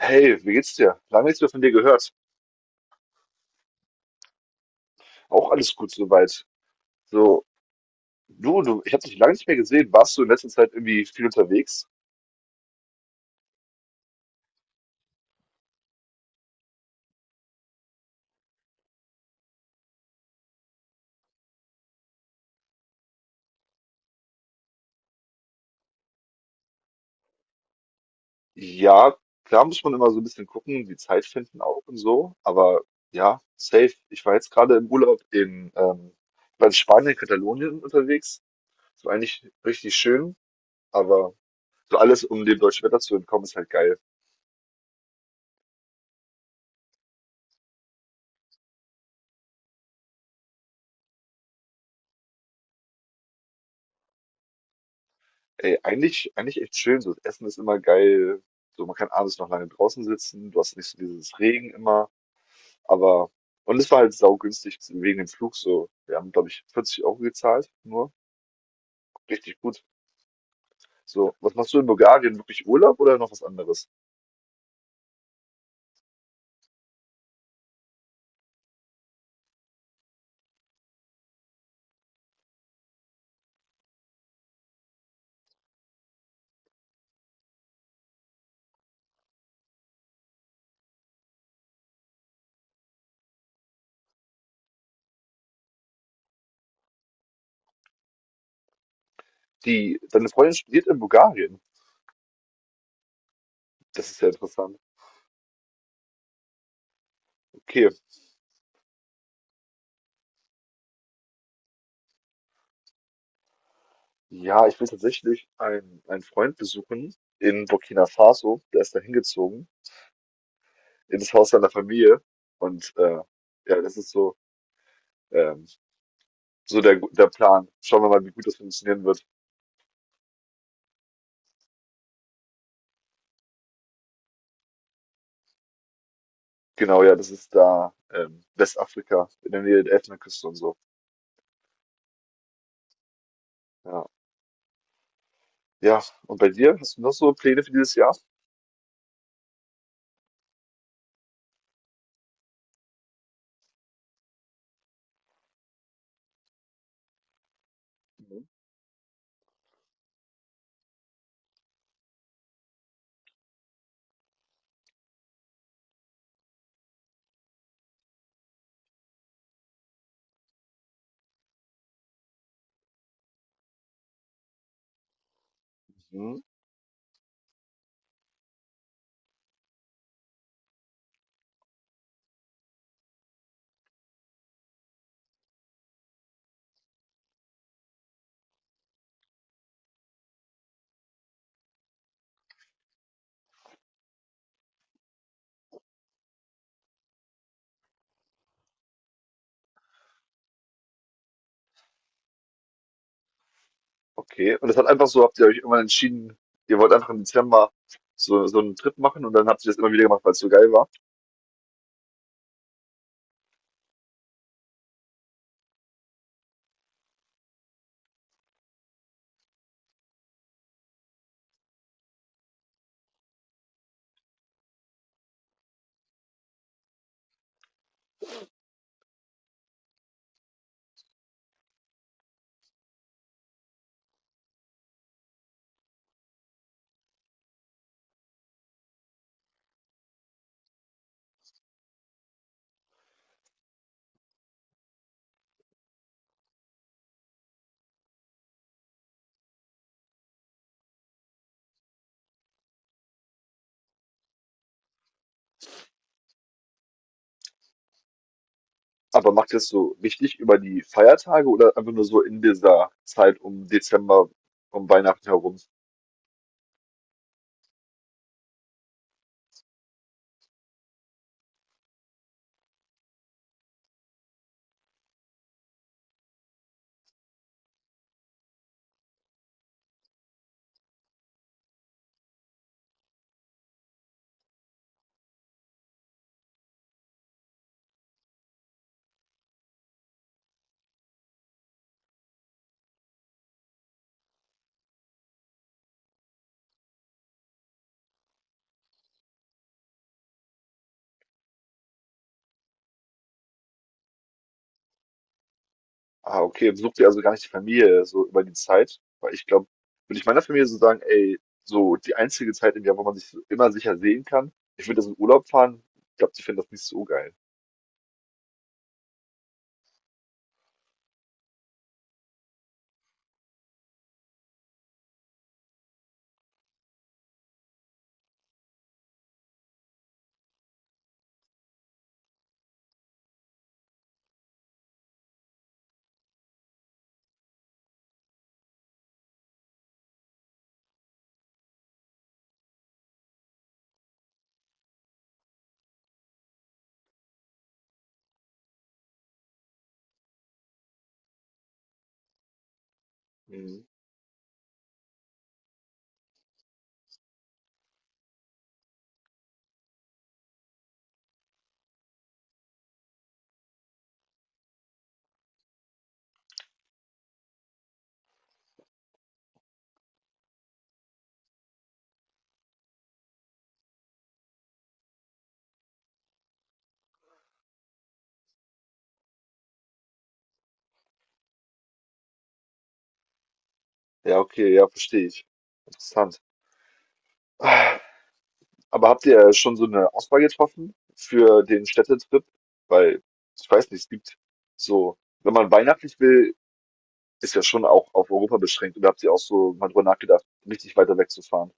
Hey, wie geht's dir? Lange nichts mehr von dir gehört. Auch alles gut soweit. So, ich habe dich lange nicht mehr gesehen. Warst du in letzter Zeit irgendwie viel unterwegs? Ja, klar muss man immer so ein bisschen gucken, die Zeit finden auch und so. Aber ja, safe. Ich war jetzt gerade im Urlaub ich war in Spanien, Katalonien unterwegs. So eigentlich richtig schön, aber so alles, um dem deutschen Wetter zu entkommen, ist halt geil. Ey, eigentlich echt schön. So, das Essen ist immer geil. So, man kann abends noch lange draußen sitzen. Du hast nicht so dieses Regen immer. Aber und es war halt saugünstig wegen dem Flug so. Wir haben, glaube ich, 40 € gezahlt, nur. Richtig gut. So, was machst du in Bulgarien? Wirklich Urlaub oder noch was anderes? Die, deine Freundin studiert in Bulgarien. Das ist ja interessant. Okay. Ja, ich will tatsächlich einen Freund besuchen in Burkina Faso. Der ist da hingezogen, in das Haus seiner Familie. Und äh, ja, das ist so, ähm, so der Plan. Schauen wir mal, wie gut das funktionieren wird. Genau, ja, das ist da Westafrika, in der Nähe der Elfenbeinküste und so. Ja. Ja, und bei dir? Hast du noch so Pläne für dieses Jahr? Mhm. Mhm. Okay. Und das hat einfach so, habt ihr euch irgendwann entschieden, ihr wollt einfach im Dezember so einen Trip machen und dann habt ihr das immer wieder gemacht, weil es so geil war. Aber macht ihr das so richtig über die Feiertage oder einfach nur so in dieser Zeit um Dezember, um Weihnachten herum? Ah, okay. Besucht ihr also gar nicht die Familie so über die Zeit? Weil ich glaube, würde ich meiner Familie so sagen, ey, so die einzige Zeit im Jahr, wo man sich so immer sicher sehen kann, ich würde das in Urlaub fahren. Ich glaube, die finden das nicht so geil. Ja, okay, ja, verstehe ich. Interessant. Aber habt ihr schon so eine Auswahl getroffen für den Städtetrip? Weil, ich weiß nicht, es gibt so, wenn man weihnachtlich will, ist ja schon auch auf Europa beschränkt. Oder habt ihr auch so mal drüber nachgedacht, richtig weiter wegzufahren?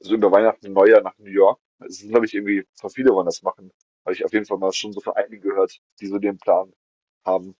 Also über Weihnachten und Neujahr nach New York. Es sind, glaube ich, irgendwie, voll viele wollen das machen. Habe ich auf jeden Fall mal schon so von einigen gehört, die so den Plan haben.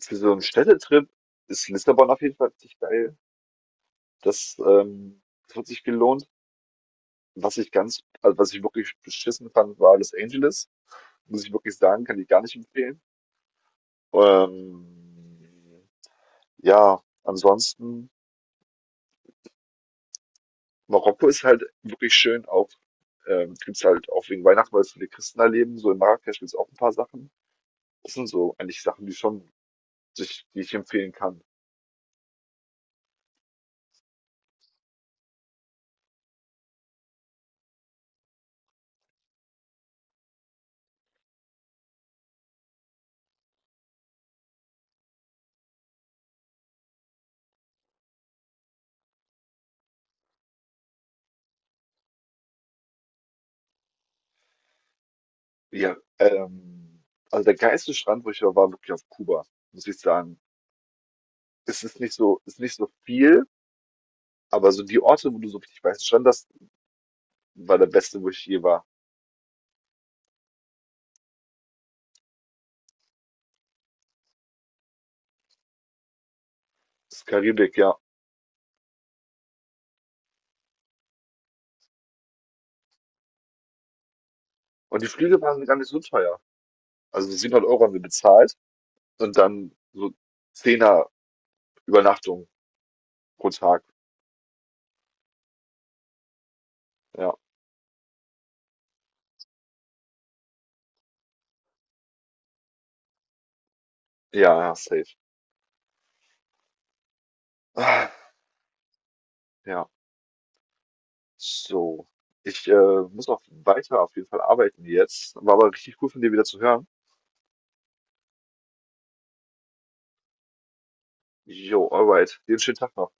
Für so einen Städtetrip ist Lissabon auf jeden Fall richtig geil. Das, das hat sich gelohnt. Was ich ganz also, was ich wirklich beschissen fand, war Los Angeles. Muss ich wirklich sagen, kann ich gar nicht empfehlen. Ähm, ja, ansonsten, Marokko ist halt wirklich schön auch gibt's halt auch wegen Weihnachten, weil es viele Christen da leben. So in Marrakesch gibt's auch ein paar Sachen. Das sind so eigentlich Sachen, die schon sich die ich empfehlen kann. Ja, also, der geilste Strand, wo ich war, war wirklich auf Kuba, muss ich sagen. Es ist nicht so viel, aber so die Orte, wo du so richtig weißen Strand hast, war der beste, wo ich je war. Das ist Karibik, ja. Und die Flüge waren gar nicht so teuer. Also 700 € haben wir bezahlt und dann so Zehner Übernachtung pro Tag. Ja, ja, safe. Ah, ja, so. Ich muss noch weiter auf jeden Fall arbeiten jetzt. War aber richtig cool von dir wieder zu hören. Jo, alright. Dir einen schönen Tag noch.